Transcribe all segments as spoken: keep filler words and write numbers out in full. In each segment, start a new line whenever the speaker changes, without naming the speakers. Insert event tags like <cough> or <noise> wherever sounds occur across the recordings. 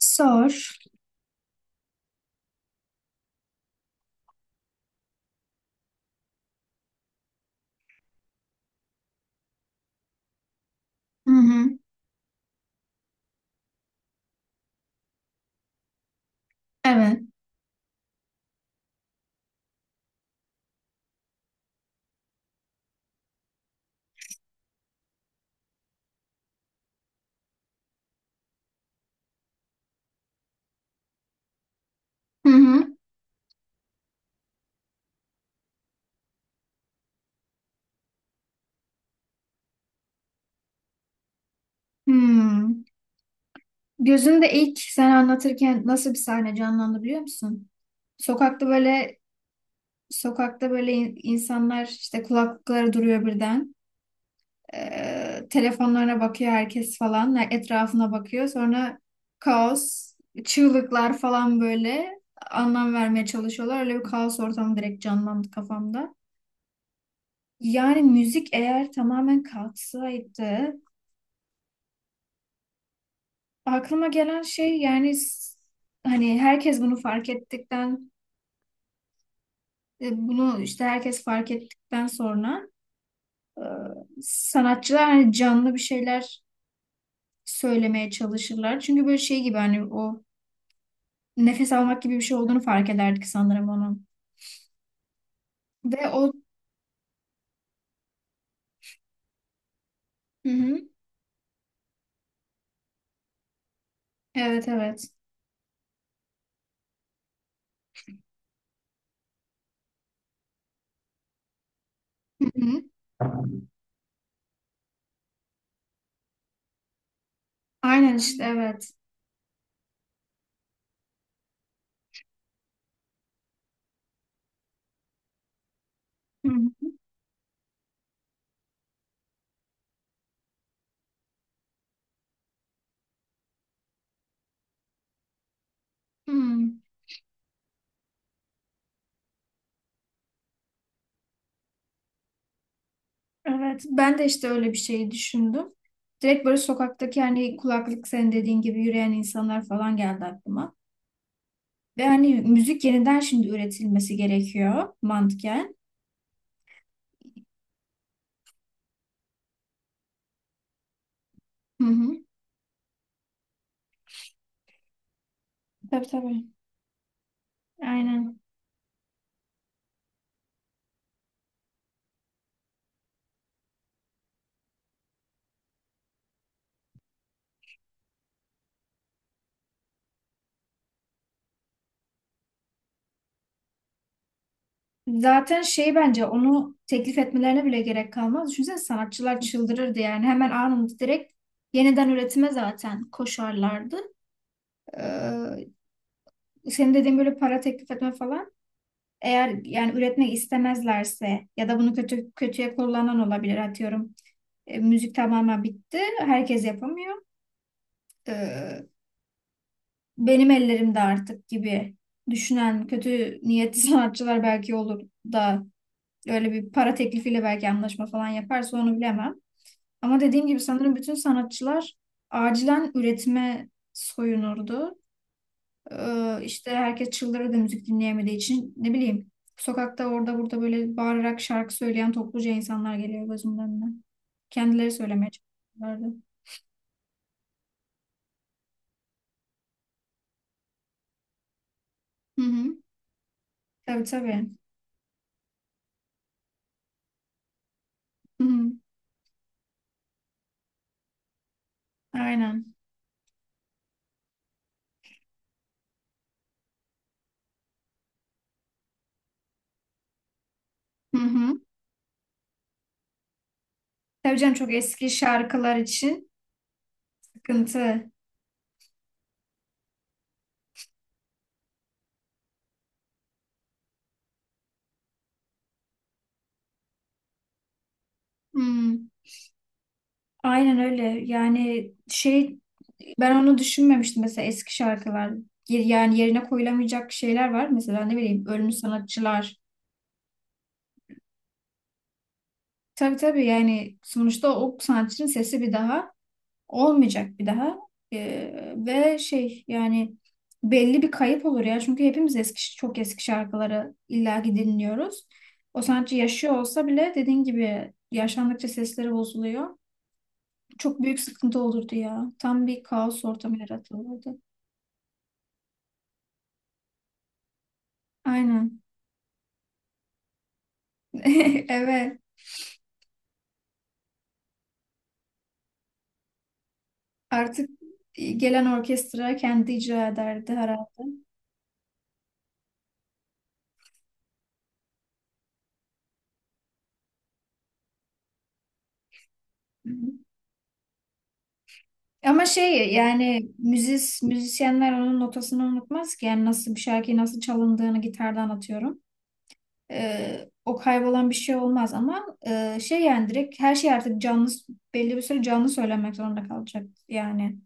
Sor. Hı hı. Evet. Hı hı. Hmm. Gözünde ilk sen anlatırken nasıl bir sahne canlandı biliyor musun? Sokakta böyle sokakta böyle in- insanlar işte kulaklıkları duruyor birden. Ee, telefonlarına bakıyor herkes falan. Yani etrafına bakıyor. Sonra kaos, çığlıklar falan böyle anlam vermeye çalışıyorlar. Öyle bir kaos ortamı direkt canlandı kafamda. Yani müzik eğer tamamen kalksaydı aklıma gelen şey yani s- hani herkes bunu fark ettikten e, bunu işte herkes fark ettikten sonra, e, sanatçılar hani canlı bir şeyler söylemeye çalışırlar. Çünkü böyle şey gibi hani o nefes almak gibi bir şey olduğunu fark ederdik sanırım onun. Ve o Hı hı. Evet evet. Hı hı. Aynen işte evet. Hı hı. Hı. Evet, ben de işte öyle bir şey düşündüm. Direkt böyle sokaktaki hani kulaklık senin dediğin gibi yürüyen insanlar falan geldi aklıma. Ve hani müzik yeniden şimdi üretilmesi gerekiyor mantıken. Hı hı. Tabii tabii. Aynen. Zaten şey bence onu teklif etmelerine bile gerek kalmaz. Düşünsene, sanatçılar çıldırırdı yani. Hemen anında direkt yeniden üretime zaten koşarlardı. Ee, Senin dediğin böyle para teklif etme falan. Eğer yani üretmek istemezlerse ya da bunu kötü kötüye kullanan olabilir atıyorum. E, müzik tamamen bitti. Herkes yapamıyor. Ee, Benim ellerimde artık gibi düşünen kötü niyetli <laughs> sanatçılar belki olur da öyle bir para teklifiyle belki anlaşma falan yaparsa onu bilemem. Ama dediğim gibi sanırım bütün sanatçılar acilen üretime soyunurdu. Ee, işte herkes çıldırırdı müzik dinleyemediği için. Ne bileyim, sokakta orada burada böyle bağırarak şarkı söyleyen topluca insanlar geliyor gözümün önüne. Kendileri söylemeye çalışıyorlardı. Hı hı. Tabii tabii. Hı hı. Aynen. Hı hı. Tabii canım, çok eski şarkılar için sıkıntı. Hmm, aynen öyle. Yani şey, ben onu düşünmemiştim mesela eski şarkılar. Yer- Yani yerine koyulamayacak şeyler var. Mesela ne bileyim, ölmüş sanatçılar. Tabii tabii, yani sonuçta o sanatçının sesi bir daha olmayacak bir daha. Ee, ve şey yani belli bir kayıp olur ya. Çünkü hepimiz eski çok eski şarkıları illaki dinliyoruz. O sanatçı yaşıyor olsa bile dediğin gibi yaşlandıkça sesleri bozuluyor. Çok büyük sıkıntı olurdu ya. Tam bir kaos ortamı yaratılırdı. Aynen. <laughs> Evet. Artık gelen orkestra kendi icra ederdi herhalde. Ama şey yani müzis müzisyenler onun notasını unutmaz ki. Yani nasıl bir şarkıyı nasıl çalındığını gitardan atıyorum. Ee, o kaybolan bir şey olmaz ama e, şey yani direkt her şey artık canlı, belli bir süre canlı söylemek zorunda kalacak yani.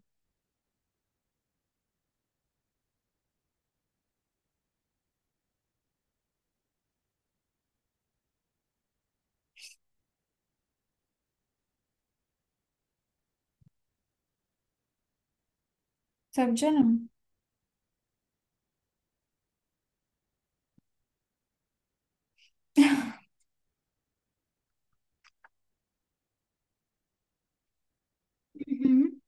Tabii canım. <laughs>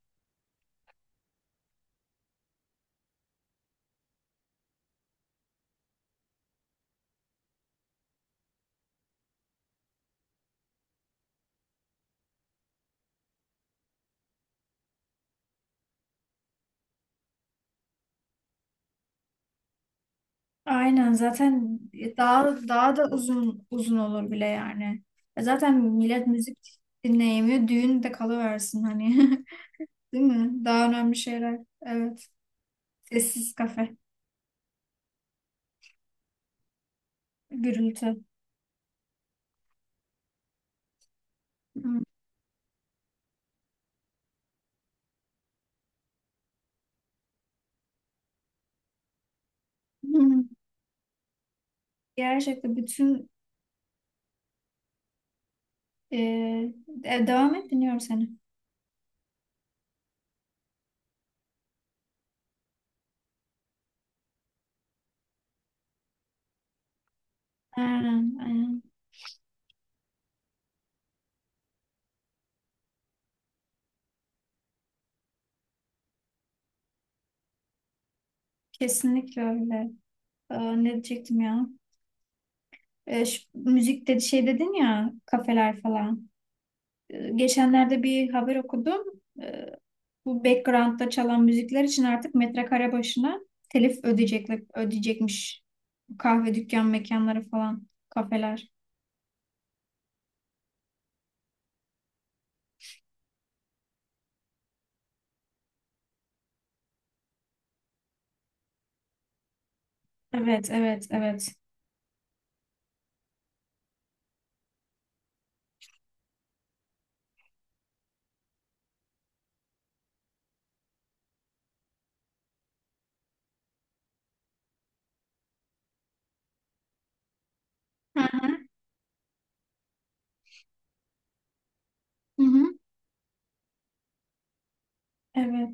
Aynen zaten daha daha da uzun uzun olur bile yani. E zaten millet müzik dinleyemiyor. Düğün de kalıversin hani. <laughs> Değil mi? Daha önemli şeyler. Evet. Sessiz kafe. Gürültü. <laughs> Hmm. Hmm. Gerçekten bütün e, e, devam et, dinliyorum seni. Aynen, aynen. Kesinlikle öyle. Ee, ne diyecektim ya? Ee, şu müzik dedi şey dedin ya, kafeler falan. Ee, geçenlerde bir haber okudum. E, bu background'da çalan müzikler için artık metrekare başına telif ödeyecekler, ödeyecekmiş. Kahve dükkan mekanları falan, kafeler. Evet, evet, evet. Hı hı. Hı hı. Evet.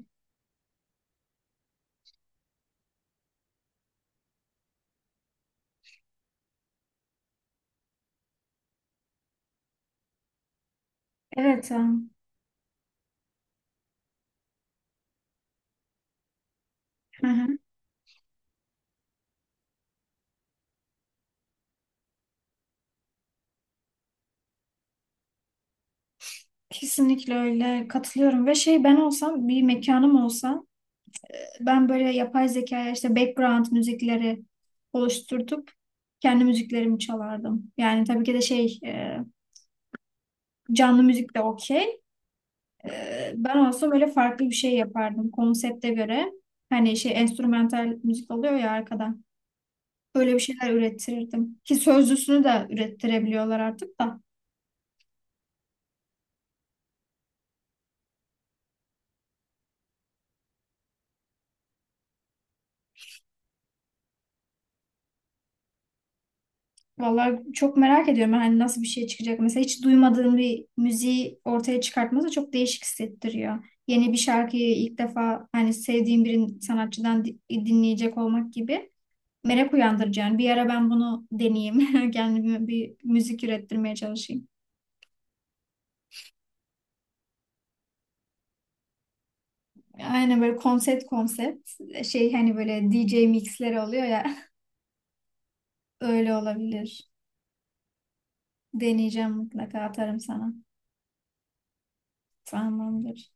Evet. Am. Hı hı. Kesinlikle öyle, katılıyorum. Ve şey, ben olsam bir mekanım olsa, ben böyle yapay zekaya işte background müzikleri oluşturtup kendi müziklerimi çalardım. Yani tabii ki de şey, e, canlı müzik de okey. Ee, Ben olsam öyle farklı bir şey yapardım konsepte göre. Hani şey, enstrümantal müzik oluyor ya arkada. Öyle bir şeyler ürettirirdim. Ki sözlüsünü de ürettirebiliyorlar artık da. Vallahi çok merak ediyorum hani nasıl bir şey çıkacak. Mesela hiç duymadığın bir müziği ortaya çıkartması çok değişik hissettiriyor. Yeni bir şarkıyı ilk defa hani sevdiğin bir sanatçıdan di- dinleyecek olmak gibi merak uyandırıcı. Yani bir ara ben bunu deneyeyim. <laughs> Kendime bir müzik ürettirmeye çalışayım. Aynen böyle konsept konsept şey, hani böyle D J mixleri oluyor ya. <laughs> Öyle olabilir. Deneyeceğim, mutlaka atarım sana. Tamamdır.